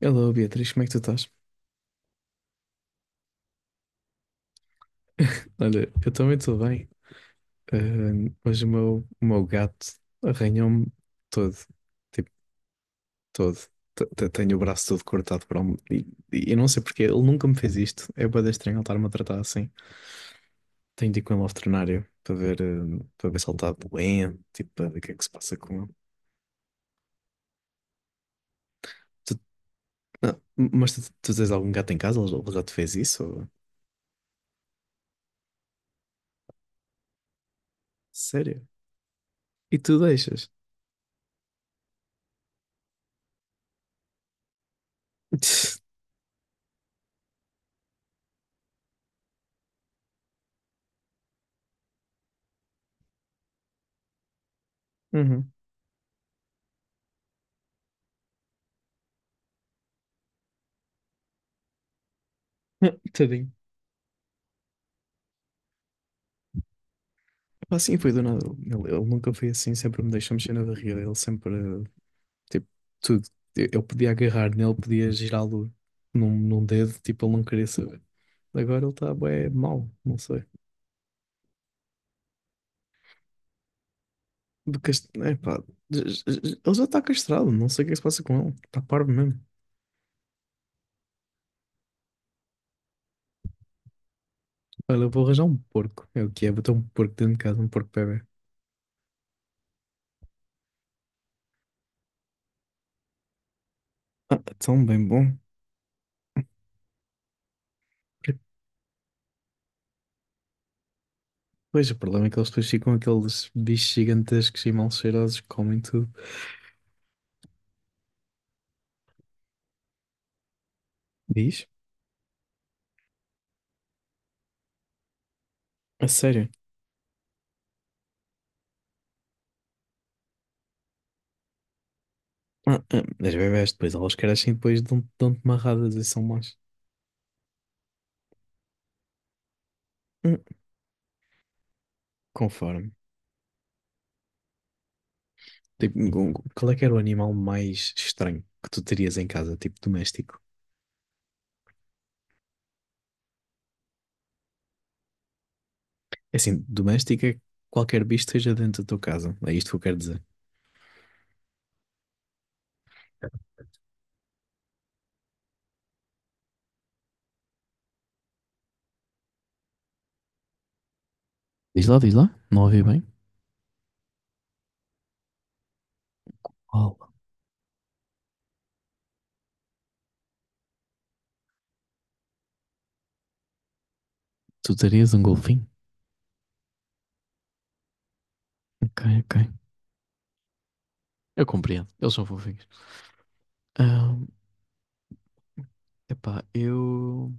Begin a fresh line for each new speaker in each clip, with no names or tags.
Hello Beatriz, como é que tu estás? Olha, eu também estou bem. Mas o meu gato arranhou-me todo, tipo, todo. Tenho o braço todo cortado. E eu não sei porque, ele nunca me fez isto. É bué de estranho ele estar-me a tratar assim. Tenho de ir com ele ao veterinário para ver se ele está doente, tipo, para ver o que é que se passa com ele. Tu- não, mas tu tens algum gato em casa? Ele já te fez isso? Sério? E tu deixas? Uhum. Tadinho. Pá, assim foi do nada. Ele nunca foi assim, sempre me deixou mexer na barriga. Ele sempre, tipo, tudo. Eu podia agarrar nele, podia girá-lo num dedo, tipo, ele não queria saber. Agora ele está bué mau, não sei. É, pá, ele já está castrado, não sei o que é que se passa com ele. Está parvo mesmo. Olha, eu vou arranjar um porco. É o que é, vou ter um porco dentro de casa, um porco bebê. Ah, tão bem bom. Pois, o problema é que eles depois ficam aqueles bichos gigantescos e mal cheirosos que comem tudo. Diz? A sério? Ah, ah, as bebés depois, elas crescem e depois dão-te marradas e são más. Hum. Conforme. Tipo, um, qual é que era o animal mais estranho que tu terias em casa, tipo doméstico? É assim, doméstico é qualquer bicho que esteja dentro da tua casa. É isto que eu quero dizer. Diz lá, diz lá. Não ouvi bem. Oh, tu terias um golfinho? Ok, ok. Eu compreendo. Eles são fofinhos. Ah, epá,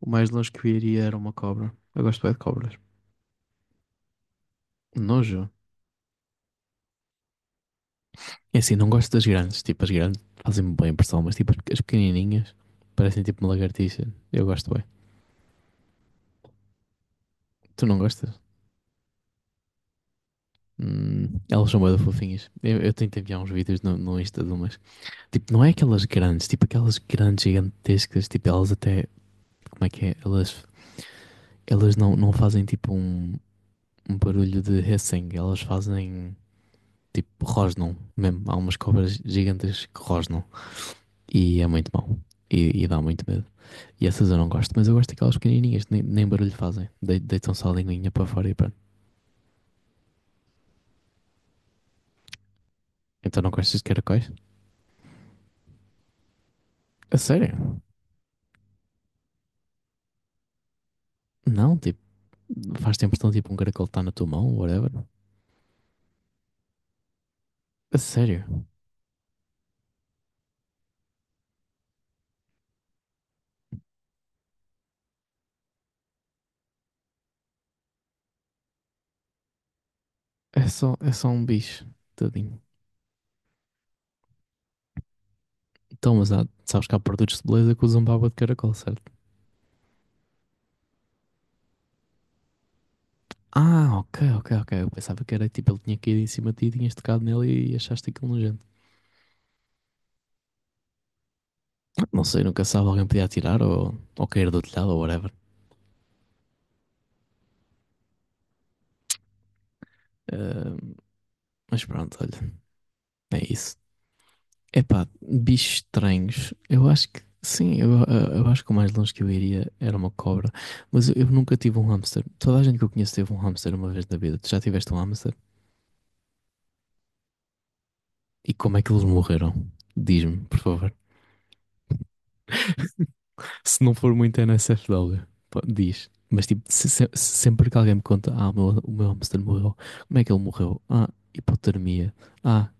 O mais longe que eu iria era uma cobra. Eu gosto bem de cobras. Nojo. É assim, não gosto das grandes. Tipo, as grandes fazem-me boa impressão, mas tipo, as pequenininhas parecem tipo uma lagartixa. Eu gosto bem. Tu não gostas? Elas são bem fofinhas. Eu tento enviar uns vídeos no Insta de umas. Tipo, não é aquelas grandes, tipo aquelas grandes gigantescas. Tipo, elas até. Como é que é? Elas não fazem tipo um barulho de hissing. Elas fazem tipo rosnam mesmo. Há umas cobras gigantes que rosnam. E é muito mau. E dá muito medo. E essas eu não gosto, mas eu gosto daquelas pequenininhas, nem barulho fazem. Deitam só a linguinha para fora e pronto. Então não gostas de caracóis? A sério? Não, tipo, faz-te a impressão tipo um caracol está na tua mão, whatever. A sério? É só um bicho, tadinho. Então, mas há, sabes que há produtos de beleza que usam baba de caracol, certo? Ah, ok, ok, ok. Eu pensava que era tipo, ele tinha caído em cima de ti, e tinhas tocado nele e achaste aquilo nojento. Não sei, nunca sabe, alguém podia atirar ou cair do telhado ou whatever. Ah, mas pronto, olha, é isso. Epá, bichos estranhos. Eu acho que sim, eu acho que o mais longe que eu iria era uma cobra. Mas eu nunca tive um hamster. Toda a gente que eu conheço teve um hamster uma vez na vida. Tu já tiveste um hamster? E como é que eles morreram? Diz-me, por favor. Se não for muito NSFW, pá, diz. Mas tipo, se sempre que alguém me conta, ah, o meu hamster morreu, como é que ele morreu? Ah, hipotermia. Ah,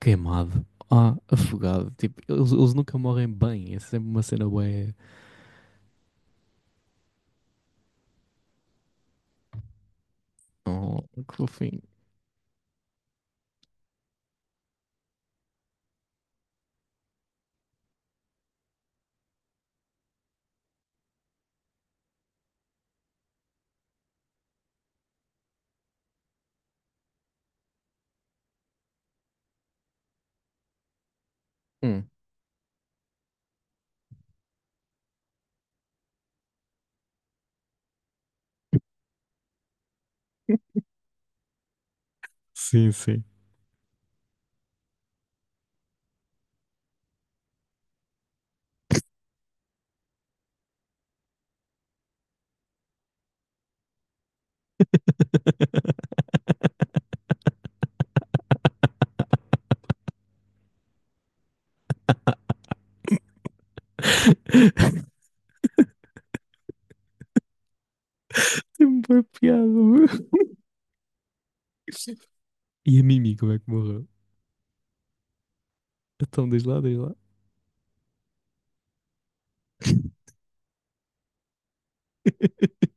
queimado. Ah, afogado. Tipo, eles nunca morrem bem. É sempre uma cena bué. Oh, que fofinho. Hum. Sim, sim. Tem uma piada, meu. E a Mimi, como é que morreu? Então, diz lá, diz lá.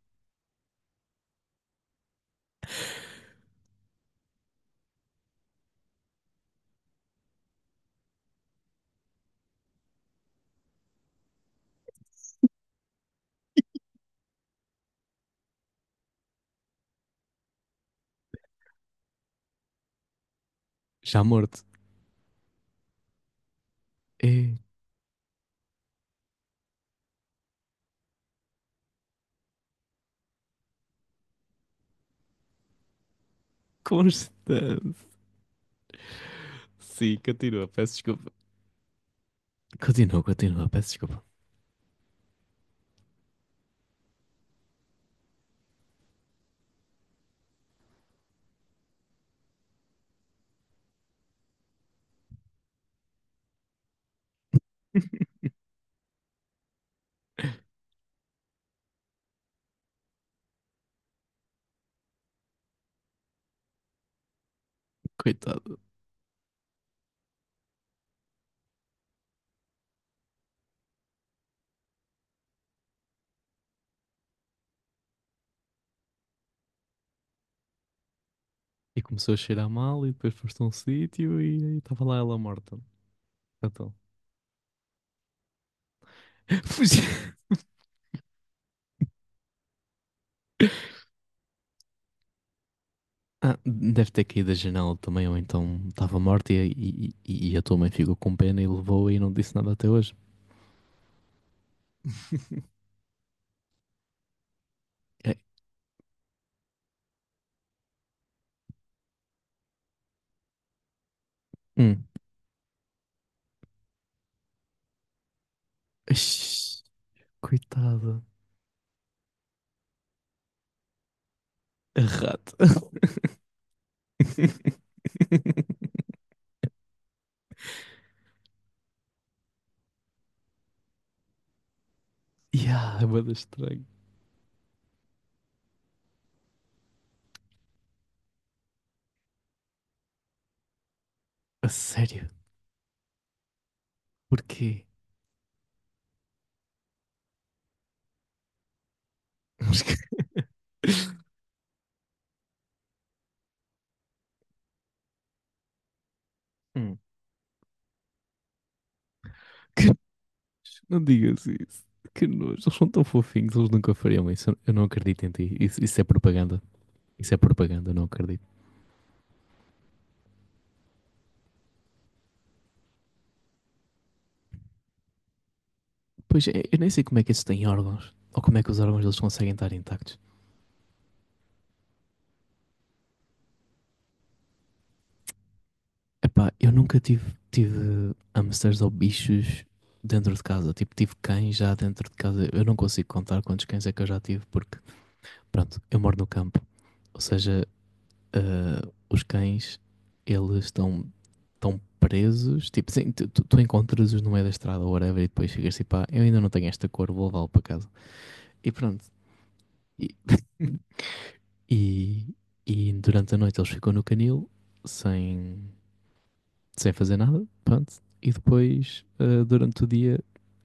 Já morto. É constante. Sim, continua, peço desculpa. Continua, continua, peço desculpa. Coitado. E começou a cheirar mal e depois foste a um sítio e estava lá ela morta. Então. Fugi. Ah, deve ter caído da janela também, ou então estava morta e a tua mãe ficou com pena e levou e não disse nada até hoje. É, hum. Ixi, coitada. A rata. Yeah, é bué da estranho. A sério? Porquê? Mas que- Hum. Que- Não digas isso. Que nojo. Eles são tão fofinhos, eles nunca fariam isso. Eu não acredito em ti. Isso é propaganda. Isso é propaganda, eu não acredito. Pois, é, eu nem sei como é que isso tem órgãos. Ou como é que os órgãos deles conseguem estar intactos. Epá, eu nunca tive hamsters ou bichos dentro de casa. Tipo, tive cães já dentro de casa. Eu não consigo contar quantos cães é que eu já tive, porque, pronto, eu moro no campo. Ou seja, os cães, eles estão tão presos. Tipo, sim, tu encontras-os no meio da estrada ou whatever e depois chegas e pá, eu ainda não tenho esta cor, vou levá-lo para casa. E pronto. E- E, e durante a noite eles ficam no canil sem, sem fazer nada, pronto. E depois, durante o dia,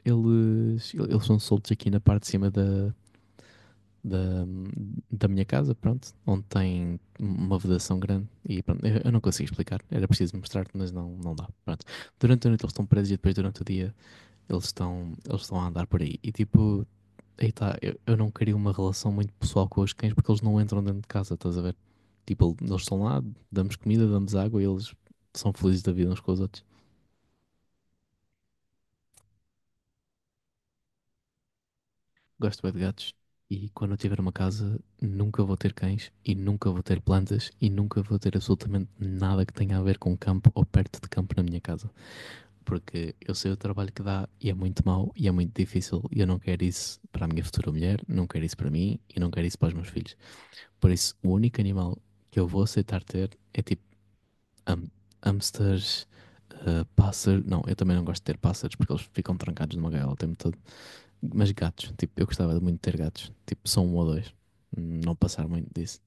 eles são soltos aqui na parte de cima da, da minha casa, pronto, onde tem uma vedação grande. E pronto, eu não consigo explicar, era preciso mostrar-te, mas não dá. Pronto. Durante a noite eles estão presos e depois durante o dia eles estão a andar por aí. E tipo, aí tá, eu não queria uma relação muito pessoal com os cães porque eles não entram dentro de casa, estás a ver? Tipo, eles estão lá, damos comida, damos água e eles são felizes da vida uns com os outros. Gosto bem de gatos. E quando eu tiver uma casa, nunca vou ter cães e nunca vou ter plantas e nunca vou ter absolutamente nada que tenha a ver com campo ou perto de campo na minha casa. Porque eu sei o trabalho que dá e é muito mau e é muito difícil e eu não quero isso para a minha futura mulher, não quero isso para mim e não quero isso para os meus filhos. Por isso, o único animal que eu vou aceitar ter é tipo ham- hamsters. Pássaro, não, eu também não gosto de ter pássaros porque eles ficam trancados numa gaiola o tempo todo. Mas gatos, tipo, eu gostava muito de ter gatos, tipo, só um ou dois, não passar muito disso.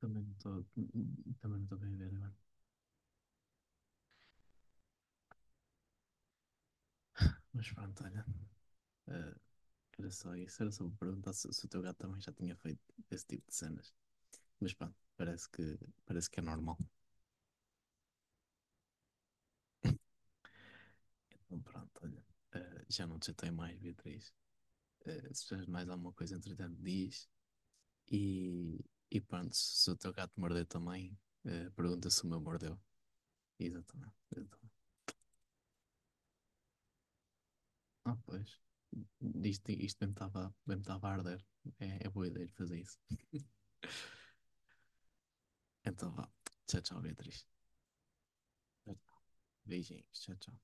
Também não estou também estou bem a ver agora. Mas pronto, olha. eh, era só isso, era só para perguntar se, o teu gato também já tinha feito esse tipo de cenas. Mas pronto, parece que é normal. Então pronto, olha. Já não te chatei mais, Beatriz. Se precisas mais alguma coisa, entretanto, diz. E, e pronto, se o teu gato morder também, pergunta se o meu mordeu. Exatamente. Exatamente. Ah, pois. Isto mesmo estava a arder. É boa ideia de fazer isso. Então vá. Tchau, tchau, Beatriz. Tchau, tchau. Beijinhos. Tchau, tchau.